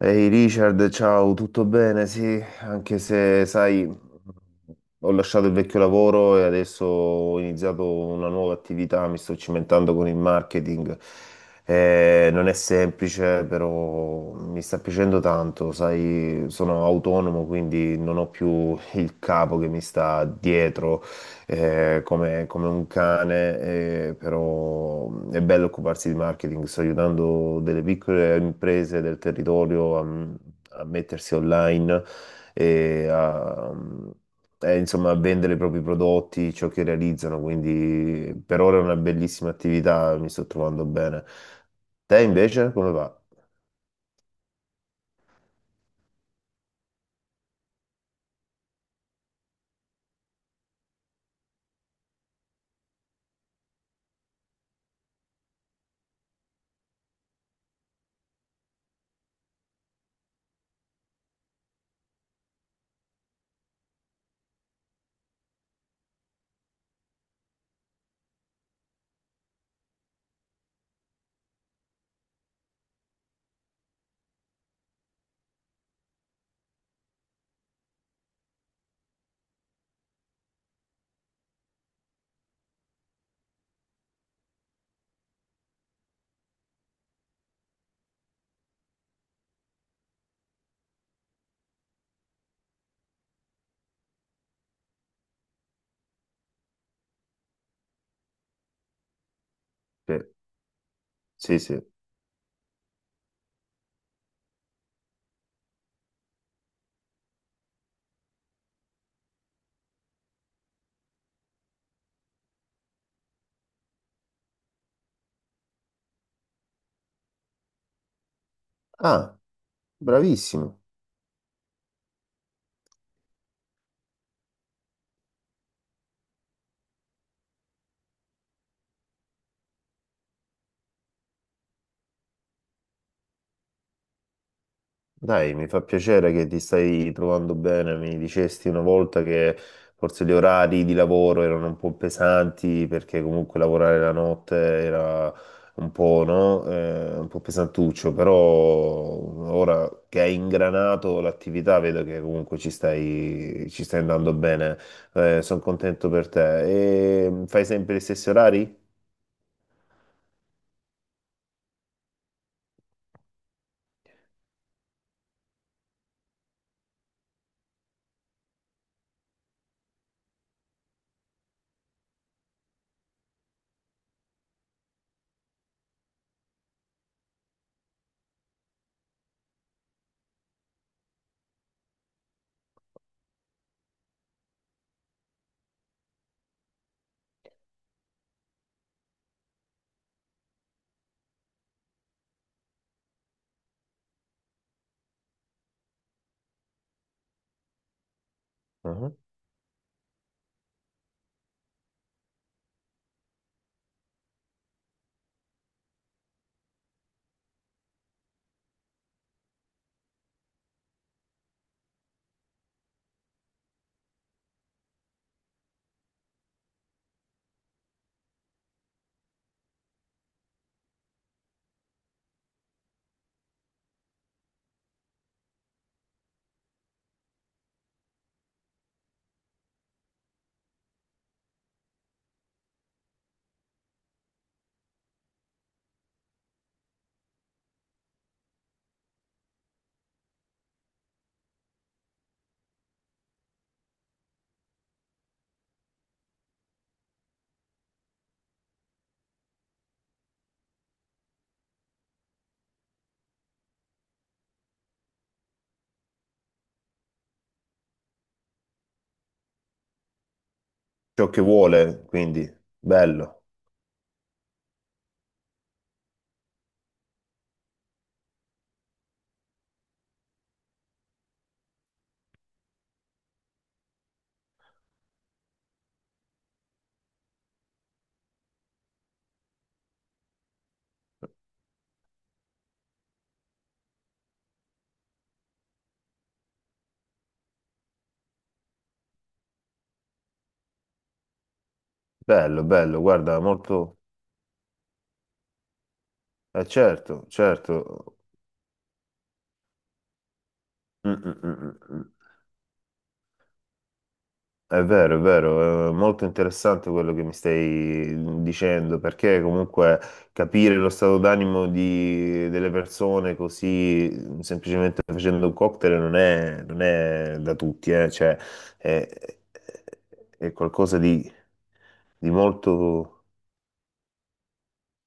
Ehi Richard, ciao, tutto bene? Sì, anche se sai, ho lasciato il vecchio lavoro e adesso ho iniziato una nuova attività, mi sto cimentando con il marketing. Non è semplice, però mi sta piacendo tanto, sai, sono autonomo, quindi non ho più il capo che mi sta dietro come un cane, però è bello occuparsi di marketing. Sto aiutando delle piccole imprese del territorio a, a mettersi online e a, insomma, a vendere i propri prodotti, ciò che realizzano. Quindi per ora è una bellissima attività, mi sto trovando bene. Te invece come va? Sì, sì. Ah, bravissimo. Dai, mi fa piacere che ti stai trovando bene. Mi dicesti una volta che forse gli orari di lavoro erano un po' pesanti perché comunque lavorare la notte era un po', no? Un po' pesantuccio, però ora che hai ingranato l'attività vedo che comunque ci stai andando bene. Sono contento per te. E fai sempre gli stessi orari? Mhm. Ciò che vuole, quindi bello, bello, bello, guarda, molto. Certo, certo. Mm, mm, mm, mm. È vero, è vero, è molto interessante quello che mi stai dicendo, perché comunque capire lo stato d'animo di- delle persone così semplicemente facendo un cocktail non è da tutti, cioè, è, è qualcosa di molto.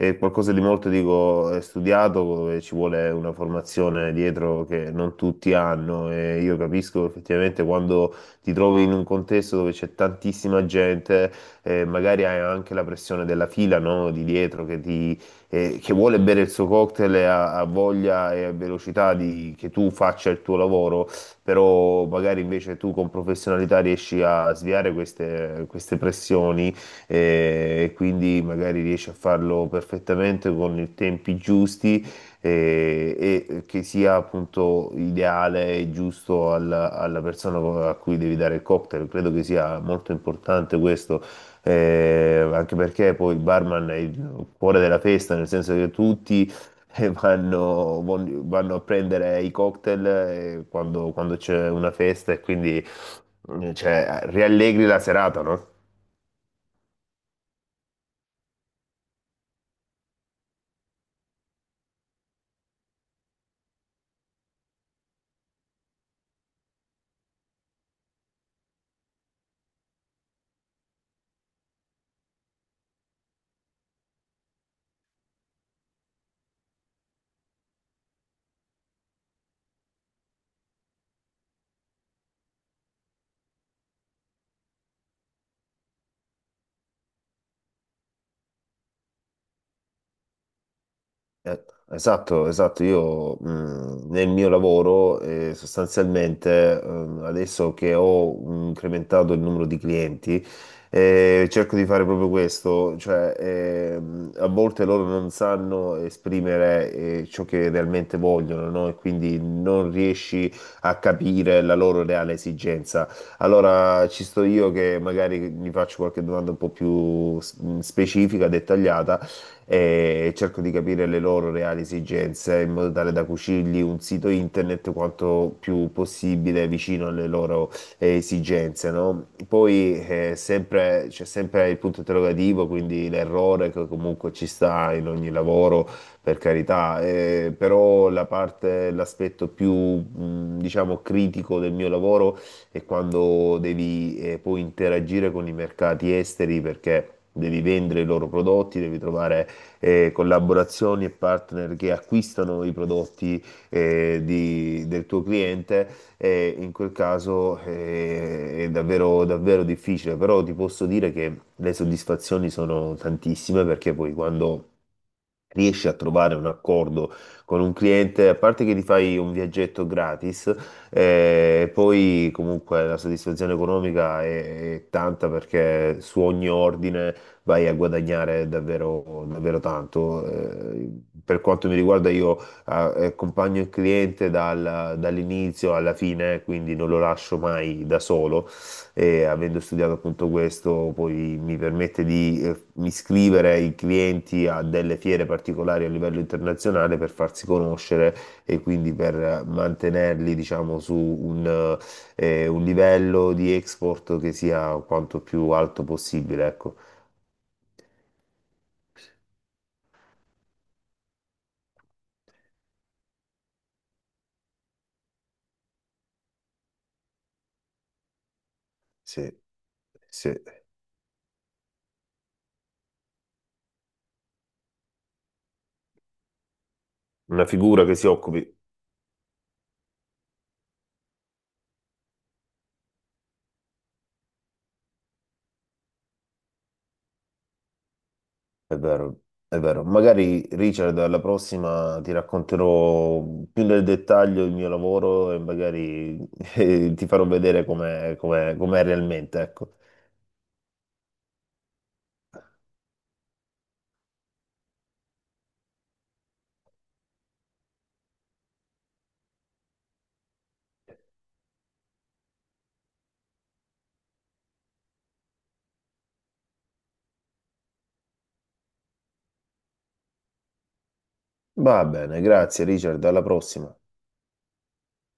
È qualcosa di molto, dico, è studiato, dove ci vuole una formazione dietro che non tutti hanno e io capisco effettivamente quando ti trovi in un contesto dove c'è tantissima gente, magari hai anche la pressione della fila, no, di dietro che, ti, che vuole bere il suo cocktail e ha, ha voglia e ha velocità di, che tu faccia il tuo lavoro, però magari invece tu con professionalità riesci a sviare queste pressioni e quindi magari riesce a farlo perfettamente con i tempi giusti eh, e che sia appunto ideale e giusto alla, alla persona a cui devi dare il cocktail. Credo che sia molto importante questo. Anche perché poi il barman è il cuore della festa, nel senso che tutti e vanno, vanno a prendere i cocktail quando c'è una festa e quindi cioè, riallegri la serata, no? Eh, Esatto, esatto. Io nel mio lavoro sostanzialmente adesso che ho incrementato il numero di clienti cerco di fare proprio questo, cioè a volte loro non sanno esprimere ciò che realmente vogliono, no? E quindi non riesci a capire la loro reale esigenza. Allora ci sto io che magari mi faccio qualche domanda un po' più s- specifica, dettagliata e cerco di capire le loro reali esigenze in modo tale da cucirgli un sito internet quanto più possibile vicino alle loro esigenze, no? Poi c'è sempre il punto interrogativo, quindi l'errore che comunque ci sta in ogni lavoro, per carità, però la parte, l'aspetto più, diciamo, critico del mio lavoro è quando devi poi interagire con i mercati esteri perché... Devi vendere i loro prodotti, devi trovare collaborazioni e partner che acquistano i prodotti del tuo cliente, in quel caso è davvero, davvero difficile, però ti posso dire che le soddisfazioni sono tantissime perché poi quando riesci a trovare un accordo con un cliente, a parte che ti fai un viaggetto gratis, poi comunque la soddisfazione economica è tanta perché su ogni ordine vai a guadagnare davvero, davvero tanto. Per quanto mi riguarda io accompagno il cliente dall'inizio alla fine, quindi non lo lascio mai da solo e avendo studiato appunto questo, poi mi permette di iscrivere i clienti a delle fiere particolari a livello internazionale per farsi conoscere e quindi per mantenerli, diciamo, su un livello di export che sia quanto più alto possibile, ecco. Sì, sì. Una figura che si occupi. È vero, è vero. Magari Richard, alla prossima ti racconterò più nel dettaglio il mio lavoro e magari ti farò vedere com'è realmente, ecco. Va bene, grazie Richard, alla prossima.